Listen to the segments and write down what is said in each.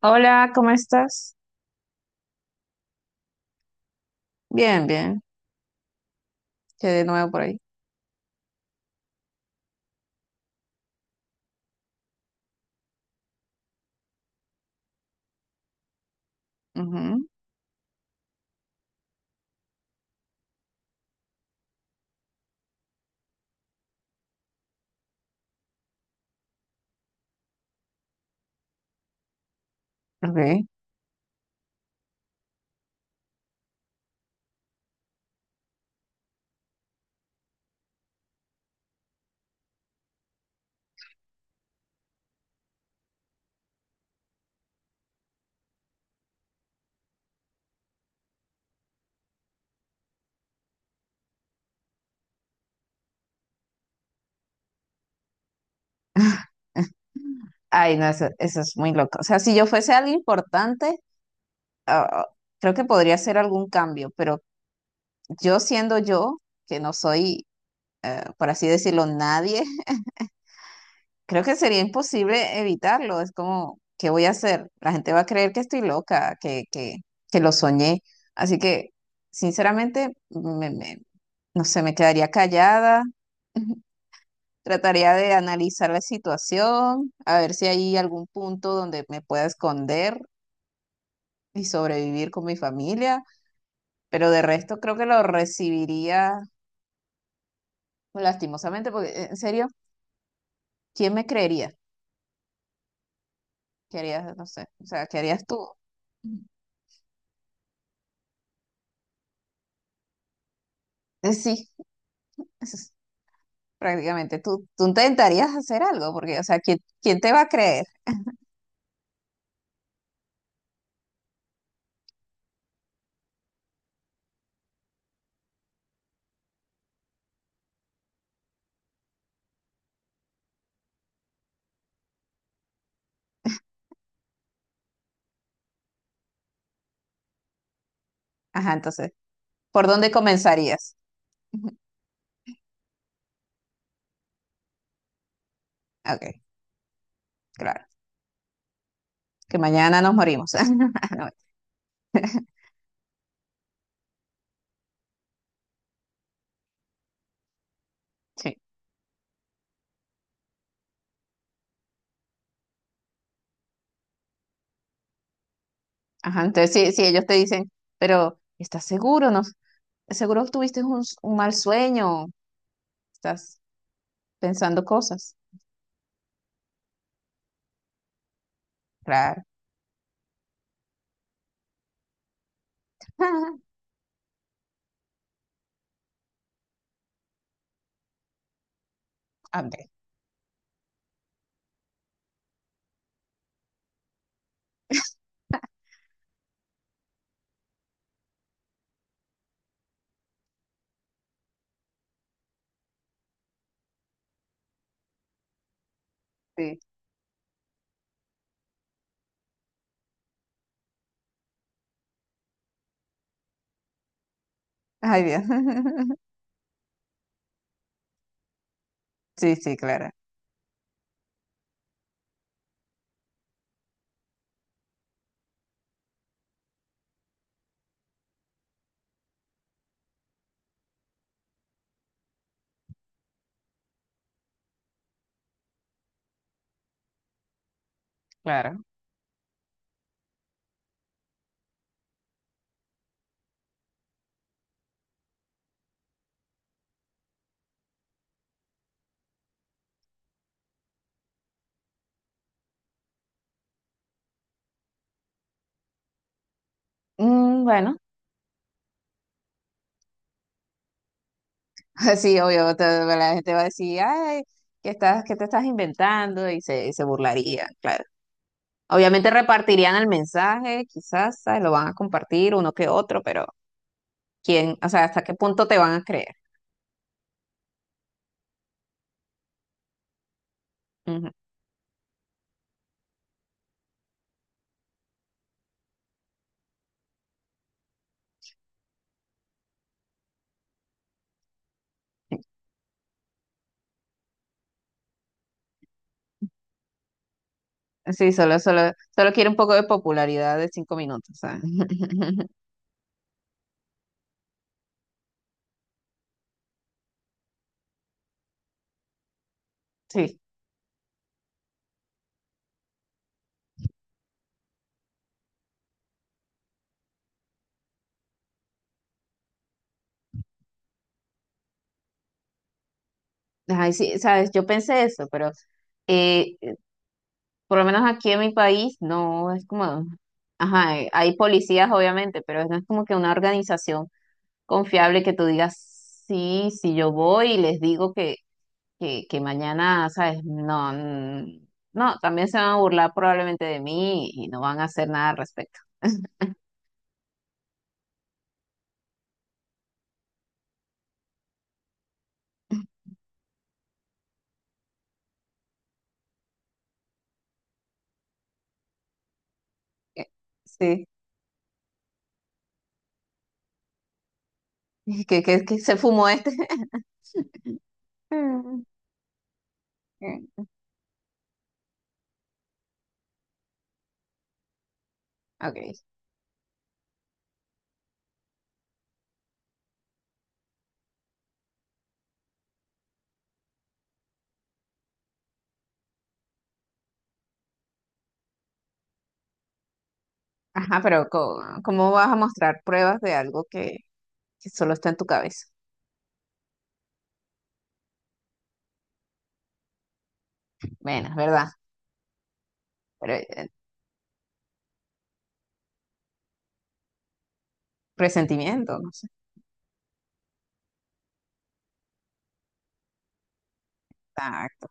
Hola, ¿cómo estás? Bien, bien. Quedé de nuevo por ahí. Ujú, ok. Ay, no, eso es muy loco. O sea, si yo fuese algo importante, ah, creo que podría hacer algún cambio, pero yo siendo yo, que no soy, por así decirlo, nadie, creo que sería imposible evitarlo. Es como, ¿qué voy a hacer? La gente va a creer que estoy loca, que lo soñé. Así que, sinceramente, no sé, me quedaría callada. Trataría de analizar la situación, a ver si hay algún punto donde me pueda esconder y sobrevivir con mi familia, pero de resto creo que lo recibiría lastimosamente, porque en serio, ¿quién me creería? ¿Qué harías? No sé, o sea, ¿qué harías tú? Ujú. Sí, eso es prácticamente. Tú intentarías hacer algo, porque, o sea, ¿quién te va a creer? Ajá, entonces, ¿por dónde comenzarías? Ujú, ok, claro, que mañana nos morimos. No, sí. Ajá, entonces si ellos te dicen, pero ¿estás seguro? No, seguro tuviste un, un mal sueño, estás pensando cosas. Claro. André, sí. Ay, Dios. Sí, sí, claro, claro. Mm, bueno, sí, obvio, bueno, la gente va a decir, ay, ¿qué estás, qué te estás inventando? Y se burlaría, claro. Obviamente repartirían el mensaje, quizás, ¿sabes? Lo van a compartir uno que otro, pero ¿quién? O sea, ¿hasta qué punto te van a creer? Ujú. Sí, solo quiere un poco de popularidad de 5 minutos, ¿sabes? Sí. Ay, sí, sabes, yo pensé eso, pero eh, por lo menos aquí en mi país no es como, ajá, hay policías obviamente, pero no es como que una organización confiable que tú digas, sí, si yo voy y les digo que, que mañana, sabes, no, mm, no, también se van a burlar probablemente de mí y no van a hacer nada al respecto. Eh, Sí, que se fumó este. Mm. Okay. Ajá, pero ¿cómo, vas a mostrar pruebas de algo que solo está en tu cabeza? Bueno, es verdad, pero presentimiento, no sé. Exacto.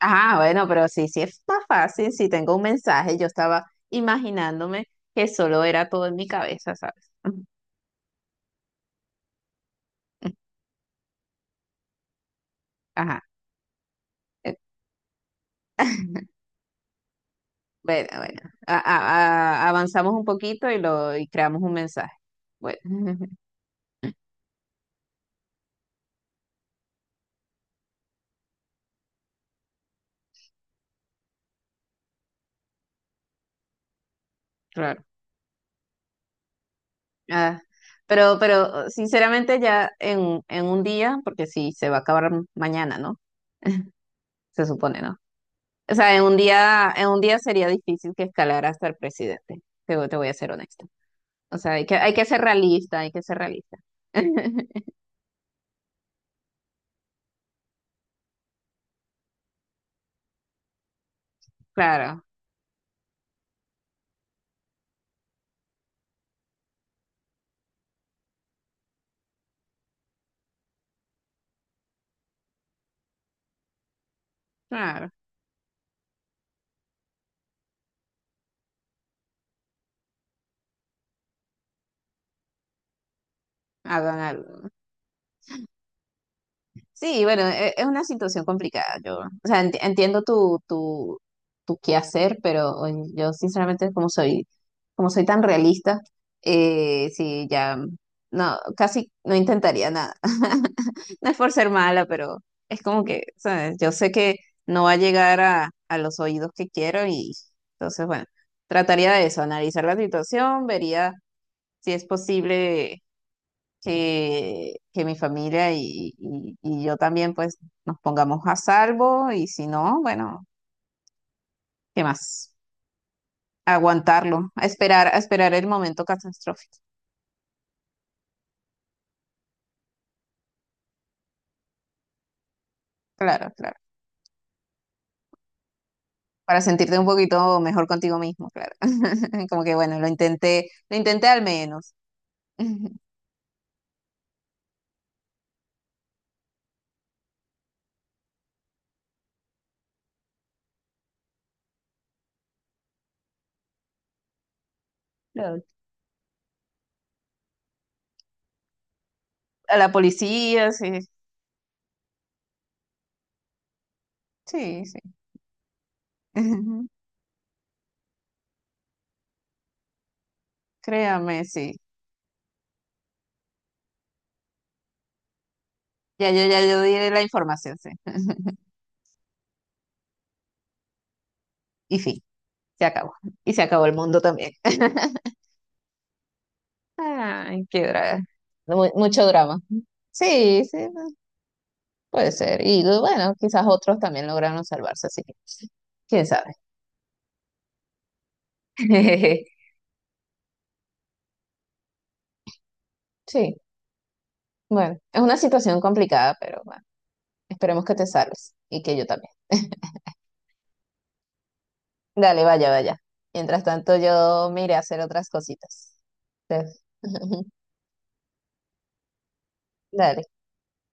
Ah, bueno, pero sí, sí está fácil. Si tengo un mensaje, yo estaba imaginándome que solo era todo en mi cabeza, ¿sabes? Ajá. eh, Bueno, bueno. Avanzamos un poquito y lo y creamos un mensaje. Bueno, claro. Ah, pero sinceramente ya en un día, porque si se va a acabar mañana, ¿no? Se supone, ¿no? O sea, en un día sería difícil que escalara hasta el presidente. Te, te voy a ser honesta. O sea, hay que ser realista, hay que ser realista. Claro, claro, hagan algo. Sí, bueno, es una situación complicada. Yo, o sea, entiendo tu, tu, tu quehacer, pero oye, yo sinceramente, como soy tan realista, sí, ya no, casi no intentaría nada. No es por ser mala, pero es como que, ¿sabes? Yo sé que no va a llegar a los oídos que quiero y entonces, bueno, trataría de eso, analizar la situación, vería si es posible que mi familia y, y yo también pues nos pongamos a salvo y si no, bueno, ¿qué más? Aguantarlo, a esperar el momento catastrófico. Claro, claro. Para sentirte un poquito mejor contigo mismo, claro. Como que bueno, lo intenté al menos. Claro. A la policía, sí, sí, sí. Créame, sí. Ya yo di la información, sí. Y fin, se acabó. Y se acabó el mundo también. Ay, qué drama. Mucho drama. Sí, sí, no, puede ser. Y bueno, quizás otros también lograron salvarse, así que quién sabe. Sí, bueno, es una situación complicada, pero bueno, esperemos que te salves y que yo también. Dale, vaya, vaya. Mientras tanto, yo me iré a hacer otras cositas. Entonces, Dale.